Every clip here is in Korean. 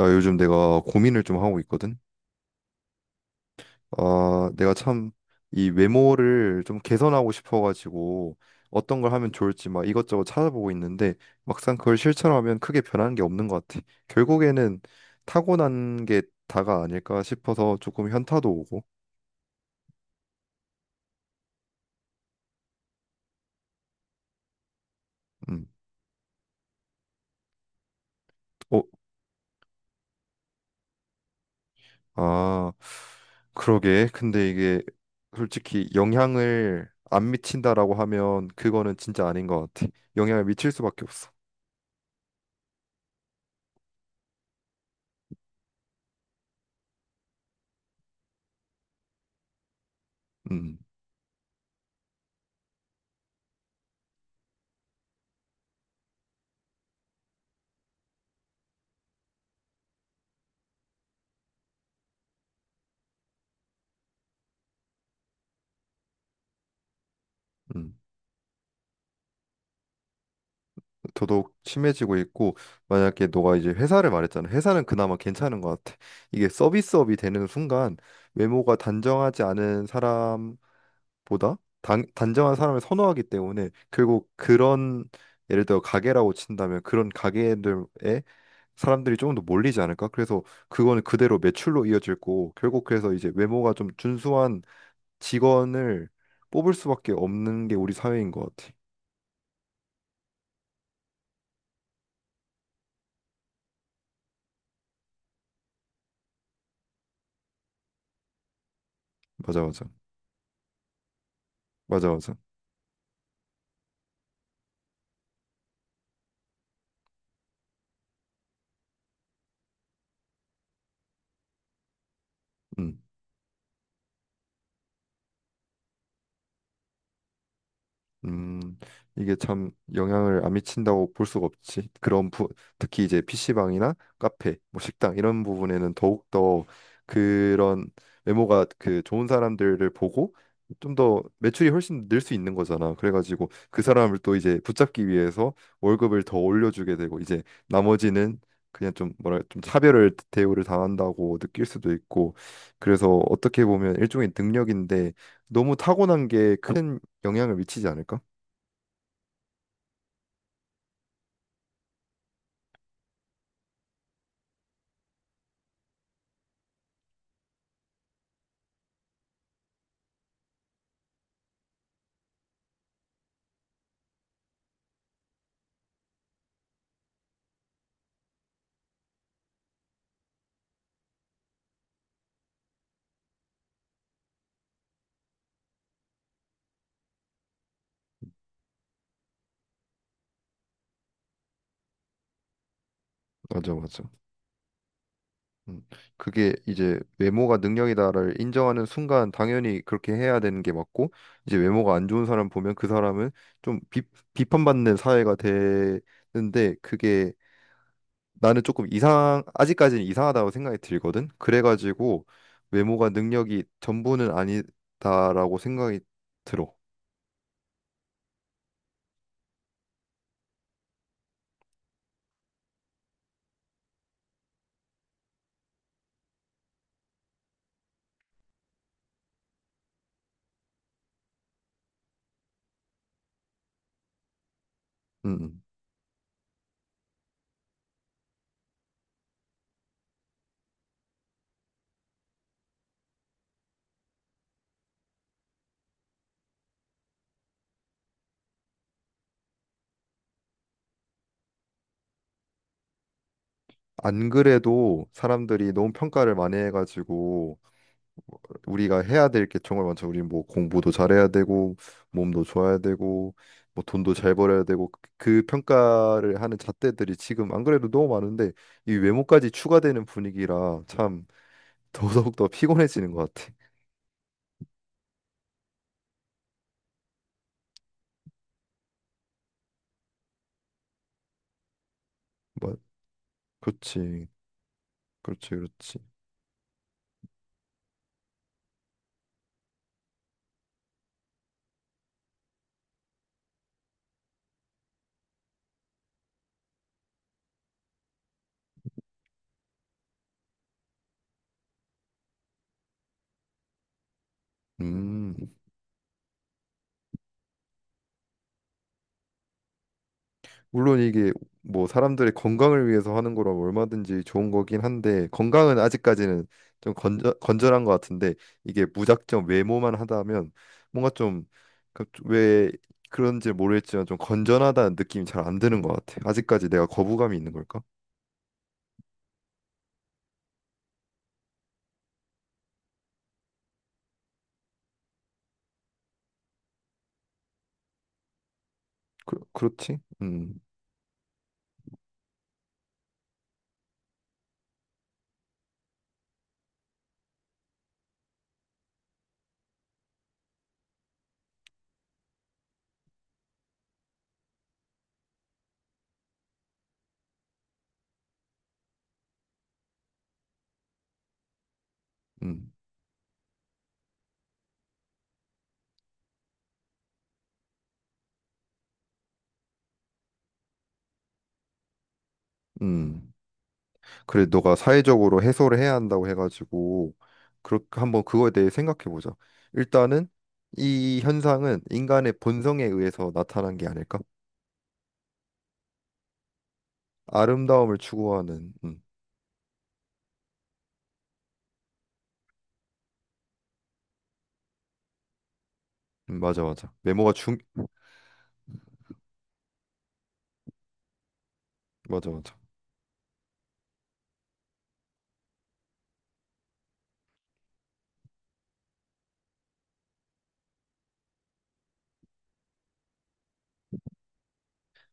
야, 요즘 내가 고민을 좀 하고 있거든. 아, 내가 참 이 외모를 좀 개선하고 싶어가지고 어떤 걸 하면 좋을지 막 이것저것 찾아보고 있는데 막상 그걸 실천하면 크게 변하는 게 없는 것 같아. 결국에는 타고난 게 다가 아닐까 싶어서 조금 현타도 오고. 음. 어, 아, 그러게. 근데 이게 솔직히 영향을 안 미친다라고 하면 그거는 진짜 아닌 것 같아. 영향을 미칠 수밖에 없어. 음. 음. 더더욱 심해지고 있고 만약에 너가 이제 회사를 말했잖아. 회사는 그나마 괜찮은 것 같아. 이게 서비스업이 되는 순간 외모가 단정하지 않은 사람보다 단정한 사람을 선호하기 때문에 결국 그런 예를 들어 가게라고 친다면 그런 가게들에 사람들이 조금 더 몰리지 않을까? 그래서 그거는 그대로 매출로 이어질 고 결국 그래서 이제 외모가 좀 준수한 직원을 뽑을 수밖에 없는 게 우리 사회인 것 같아. 맞아 맞아. 맞아 맞아. 음. 음, 이게 참 영향을 안 미친다고 볼 수가 없지. 특히 이제 PC방이나 카페, 뭐 식당 이런 부분에는 더욱더 그런 외모가 그 좋은 사람들을 보고 좀 더 매출이 훨씬 늘 수 있는 거잖아. 그래가지고 그 사람을 또 이제 붙잡기 위해서 월급을 더 올려주게 되고 이제 나머지는 그냥 좀 뭐랄 좀 차별을 대우를 당한다고 느낄 수도 있고 그래서 어떻게 보면 일종의 능력인데 너무 타고난 게큰 영향을 미치지 않을까? 맞아, 맞아. 음. 그게 이제 외모가 능력이다를 인정하는 순간 당연히 그렇게 해야 되는 게 맞고 이제 외모가 안 좋은 사람 보면 그 사람은 좀 비, 비판받는 사회가 되는데 그게 나는 조금 이상 아직까지는 이상하다고 생각이 들거든. 그래가지고 외모가 능력이 전부는 아니다라고 생각이 들어. 음. 음. 안 그래도 사람들이 너무 평가를 많이 해가지고 우리가 해야 될 게 정말 많죠. 우리 뭐 공부도 잘해야 되고 몸도 좋아야 되고 뭐 돈도 잘 벌어야 되고 그 평가를 하는 잣대들이 지금 안 그래도 너무 많은데 이 외모까지 추가되는 분위기라 참 더더욱 더 피곤해지는 것 같아. 뭐 그렇지, 그렇지, 그렇지. 음. 물론 이게 뭐 사람들의 건강을 위해서 하는 거라면 얼마든지 좋은 거긴 한데 건강은 아직까지는 건전한 것 같은데 이게 무작정 외모만 하다면 뭔가 좀 왜 그런지 모르겠지만 좀 건전하다는 느낌이 잘 안 드는 것 같아. 아직까지 내가 거부감이 있는 걸까? 그, 그렇지? 음, 음. 그래, 너가 사회적으로 해소를 해야 한다고 해가지고 그렇게 한번 그거에 대해 생각해 보자. 일단은 이 현상은 인간의 본성에 의해서 나타난 게 아닐까? 아름다움을 추구하는 맞아 맞아. 외모가 중 맞아 맞아.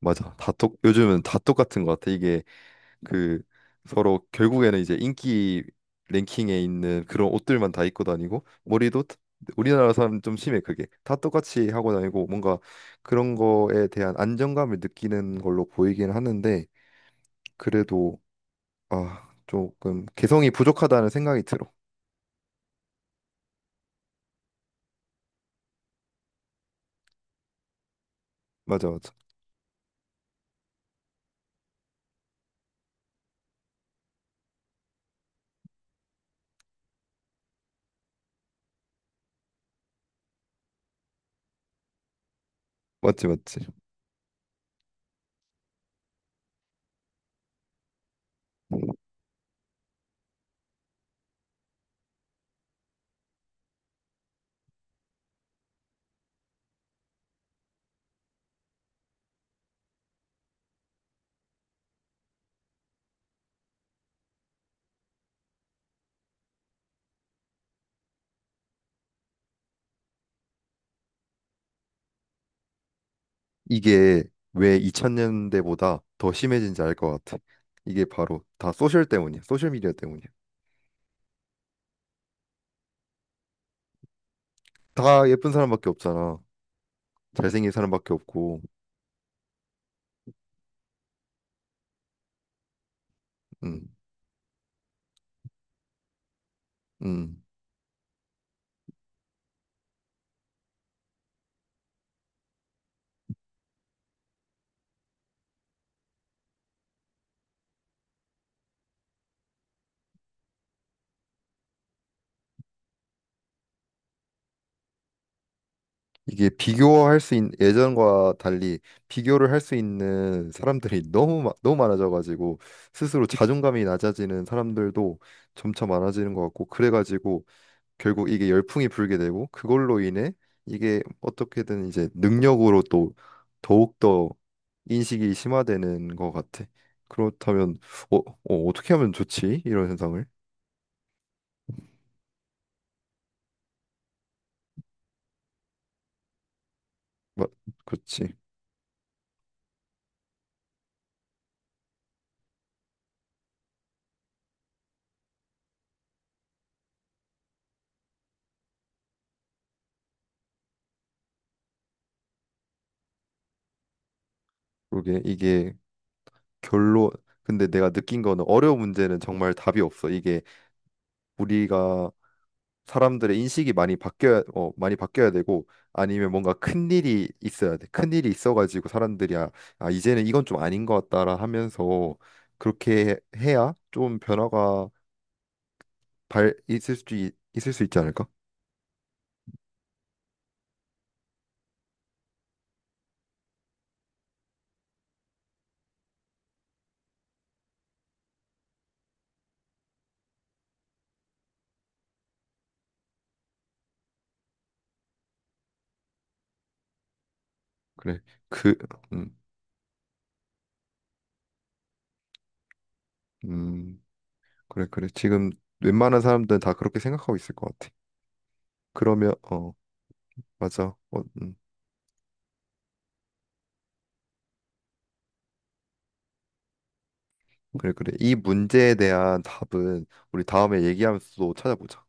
맞아. 요즘은 다 똑같은 것 같아. 이게 그 서로 결국에는 이제 인기 랭킹에 있는 그런 옷들만 다 입고 다니고 머리도 다- 우리나라 사람 좀 심해 그게 다 똑같이 하고 다니고 뭔가 그런 거에 대한 안정감을 느끼는 걸로 보이긴 하는데 그래도 아 조금 개성이 부족하다는 생각이 들어. 맞아 맞아. 맞지 맞지. 이게 왜 2000년대보다 더 심해진지 알 것 같아. 이게 바로 다 소셜 때문이야. 소셜 미디어 때문이야. 다 예쁜 사람밖에 없잖아. 잘생긴 사람밖에 없고. 음. 음, 이게 비교할 수 있는 예전과 달리 비교를 할 수 있는 사람들이 너무 많아져가지고 스스로 자존감이 낮아지는 사람들도 점차 많아지는 것 같고 그래가지고 결국 이게 열풍이 불게 되고 그걸로 인해 이게 어떻게든 이제 능력으로 또 더욱더 인식이 심화되는 것 같아. 그렇다면 어떻게 하면 좋지? 이런 현상을 막 그렇지. 그게 이게 결론 근데 내가 느낀 거는 어려운 문제는 정말 답이 없어. 이게 우리가 사람들의 인식이 많이 바뀌어야 어, 많이 바뀌어야 되고 아니면 뭔가 큰 일이 있어야 돼. 큰 일이 있어가지고 사람들이 아, 아 이제는 이건 좀 아닌 것 같다라 하면서 그렇게 해야 좀 변화가 발 있을 수 있지 않을까? 그래. 그, 음, 음, 그래, 그래. 지금 웬만한 사람들은 다 그렇게 생각하고 있을 것 같아. 그러면, 어, 맞아. 어, 그래, 그래. 이 문제에 대한 답은 우리 다음에 얘기하면서 또 찾아보자.